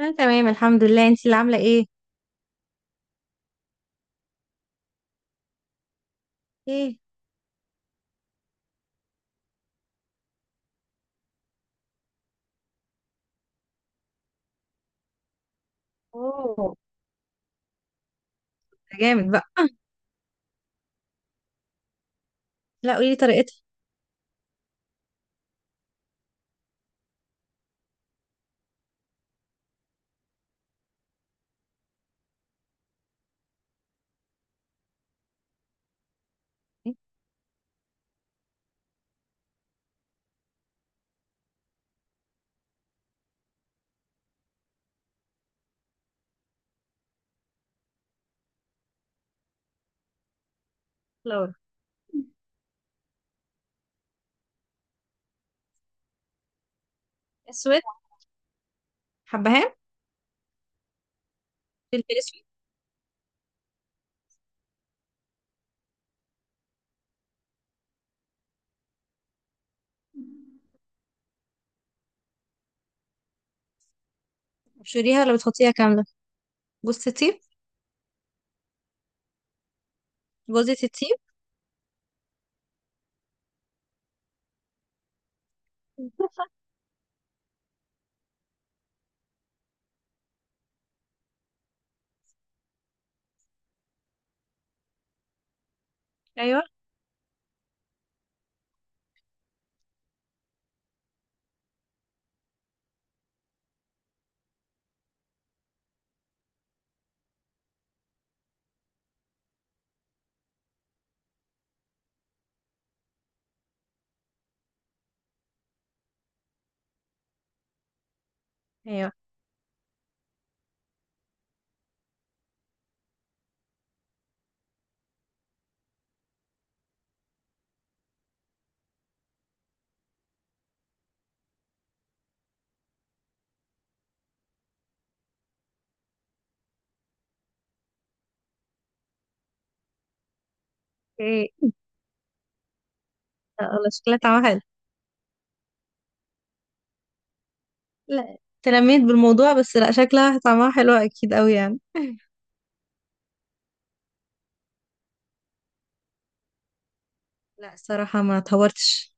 انا تمام، الحمد لله. انت اللي عامله ايه؟ ايه. اوه. ده جامد بقى. لا، قولي لي طريقتها. إيه؟ لورا. اسود. حبهان. فلفل اسود. ابشريها ولا بتحطيها كامله؟ جوز الطيب. جوزة الطيب. ايوه. ايوه. ايه. لا والله، شكلها طعمها حلو. لا، تلميت بالموضوع، بس لا، شكلها طعمها حلو اكيد قوي يعني. لا، الصراحه ما اتهورتش.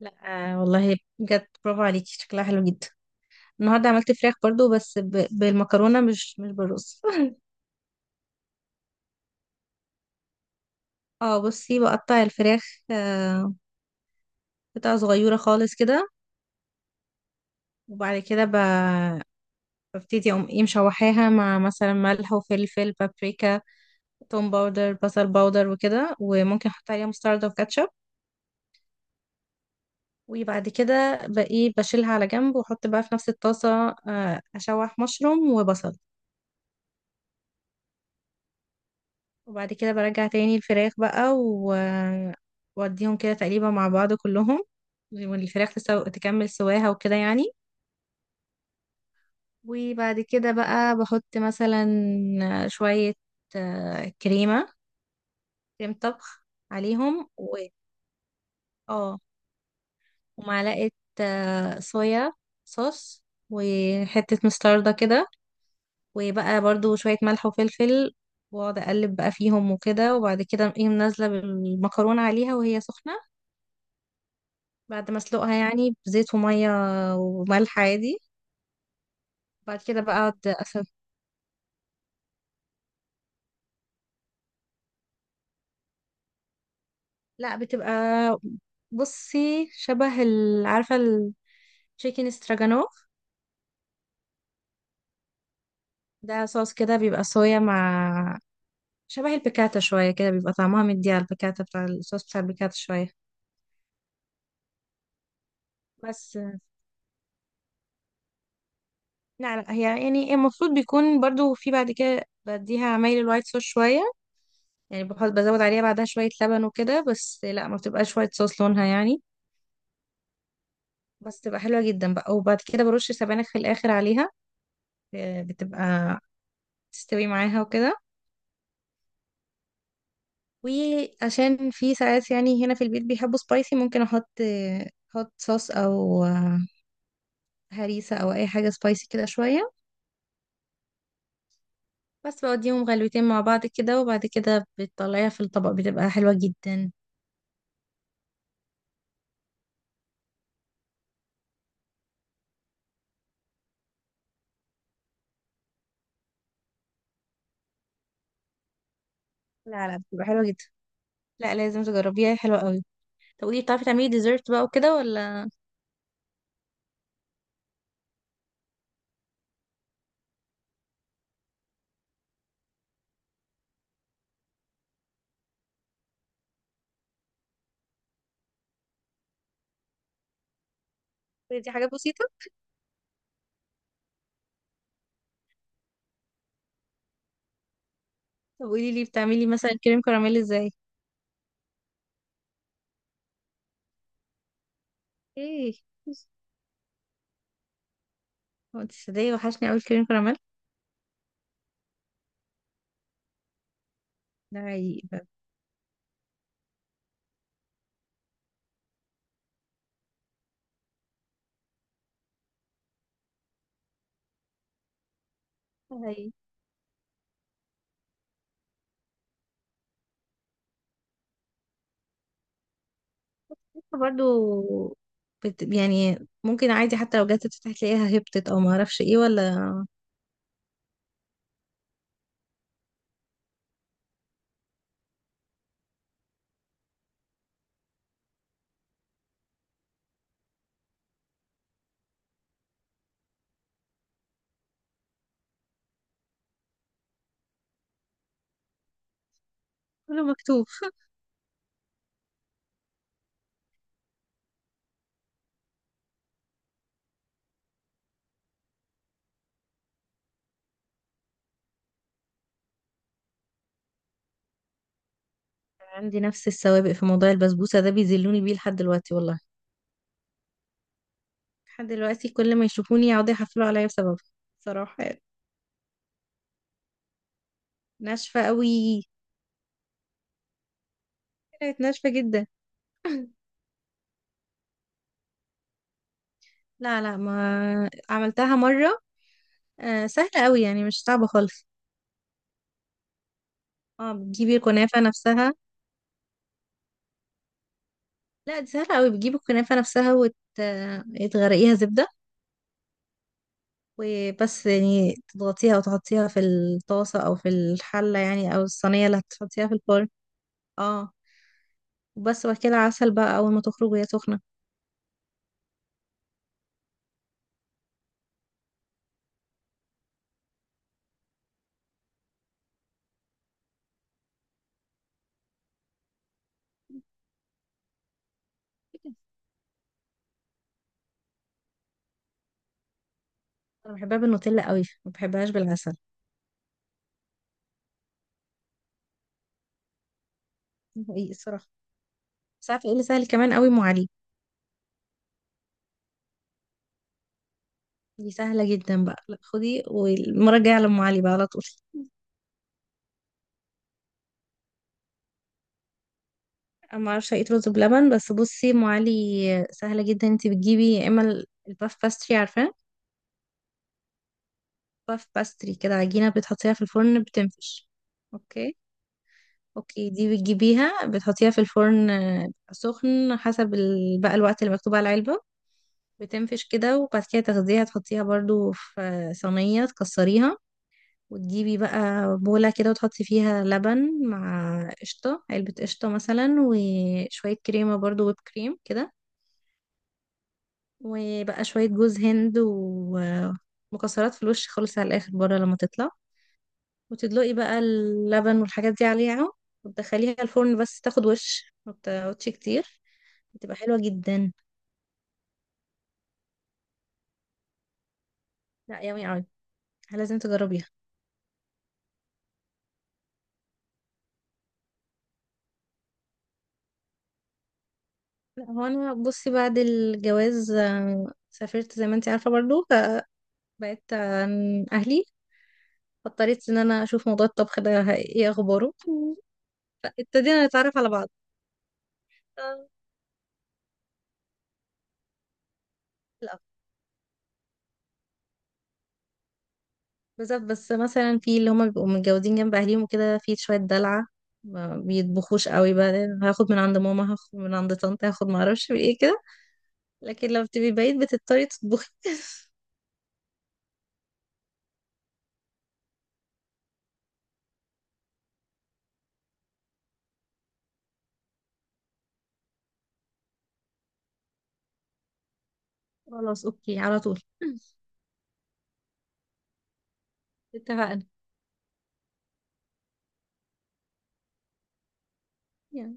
لا، آه والله بجد برافو عليكي، شكلها حلو جدا. النهارده عملت فراخ برضو، بس بالمكرونه، مش بالرز. اه بصي، بقطع الفراخ آه، قطع صغيرة خالص كده، وبعد كده ببتدي اقوم ايه مشوحاها مع مثلا ملح وفلفل بابريكا، توم باودر، بصل باودر وكده، وممكن احط عليها مستردة وكاتشب. وبعد كده بقى بشيلها على جنب واحط بقى في نفس الطاسة، اشوح مشروم وبصل. وبعد كده برجع تاني الفراخ بقى و واديهم كده تقريبا مع بعض كلهم، والفراخ تكمل سواها وكده يعني. وبعد كده بقى بحط مثلا شوية كريمة، كريم طبخ عليهم و اه ومعلقة صويا صوص، وحتة مستردة كده، وبقى برضو شوية ملح وفلفل، واقعد اقلب بقى فيهم وكده. وبعد كده اقوم نازلة بالمكرونة عليها وهي سخنة، بعد ما اسلقها يعني بزيت ومية وملح عادي. بعد كده بقى اقعد. لا، بتبقى. بصي، شبه عارفة التشيكن استراجانوف؟ ده صوص كده، بيبقى صويا مع شبه البيكاتا شوية كده، بيبقى طعمها مدي على البيكاتا، بتاع الصوص بتاع البيكاتا شوية. بس لا لا، هي يعني المفروض بيكون برضو في، بعد كده بديها عمايل الوايت صوص شوية. يعني بحط، بزود عليها بعدها شوية لبن وكده، بس لا، ما بتبقاش وايت صوص لونها يعني. بس تبقى حلوة جدا بقى، وبعد كده برش سبانخ في الآخر عليها، بتبقى تستوي معاها وكده. وعشان في ساعات يعني هنا في البيت بيحبوا سبايسي، ممكن احط هوت صوص، او هريسة، او اي حاجة سبايسي كده شوية، بس بوديهم غلوتين مع بعض كده. وبعد كده بتطلعيها في الطبق، بتبقى حلوة جدا. لا لا، بتبقى حلوة جدا. لا، لازم تجربيها، حلوة قوي. طب قولي، بتعرفي تعملي ديزرت بقى وكده ولا؟ دي حاجات بسيطة. طب قولي لي بتعملي مثلا كريم كراميل ازاي؟ ايه، هو انت صدقي وحشني قوي الكريم كراميل. ده حقيقي. بقى برضو يعني، ممكن عادي حتى لو جت تفتح تلاقيها هبطت او ما اعرفش ايه ولا؟ كله مكتوب. عندي نفس السوابق في موضوع البسبوسه ده، بيذلوني بيه لحد دلوقتي والله. لحد دلوقتي كل ما يشوفوني يقعدوا يحفلوا عليا بسببها، صراحه يعني. ناشفه قوي. طلعت ناشفه جدا. لا لا، ما عملتها مره. آه، سهله قوي يعني، مش صعبه خالص. اه، بتجيبي الكنافه نفسها. لا، دي سهله قوي، بتجيبي الكنافه نفسها وتغرقيها زبده، وبس يعني تضغطيها وتحطيها في الطاسة أو في الحلة يعني أو الصينية اللي هتحطيها في الفرن. اه. وبس، وبعد كده عسل بقى أول ما تخرج وهي سخنة. أنا بحبها بالنوتيلا قوي، ما بحبهاش بالعسل. ده حقيقي الصراحة. بس عارفة ايه اللي سهل كمان قوي؟ أم علي. دي سهلة جدا بقى، لا خدي، والمرة الجاية على أم علي بقى على طول. أنا معرفش أقيت رز بلبن، بس بصي، أم علي سهلة جدا، انتي بتجيبي يا إما الباف باستري، عارفاه؟ باف باستري كده، عجينة بتحطيها في الفرن بتنفش. اوكي. اوكي، دي بتجيبيها بتحطيها في الفرن سخن حسب بقى الوقت اللي مكتوب على العلبة. بتنفش كده، وبعد كده تاخديها تحطيها برضو في صينية، تكسريها وتجيبي بقى بولة كده، وتحطي فيها لبن مع قشطة، علبة قشطة مثلا، وشوية كريمة برضو، ويب كريم كده، وبقى شوية جوز هند ومكسرات في الوش خالص، على الآخر بره لما تطلع، وتدلقي بقى اللبن والحاجات دي عليها، وتدخليها الفرن بس تاخد وش، ما بتقعدش كتير، بتبقى حلوة جدا. لا، يummy اوي، لازم تجربيها. لا، هو انا بصي، بعد الجواز سافرت زي ما انت عارفة برضو، فبعدت عن اهلي، فاضطريت ان انا اشوف موضوع الطبخ ده ايه اخباره، فابتدينا نتعرف على بعض. آه، لا، بالظبط. بس مثلا في اللي هما بيبقوا متجوزين جنب اهليهم وكده، في شويه دلع، ما بيطبخوش قوي، بقى هاخد من عند ماما، هاخد من عند طنط، هاخد ما اعرفش من ايه كده. لكن لما بتبقي بعيد بتضطري تطبخي. خلاص اوكي، على طول. اتفقنا. يلا.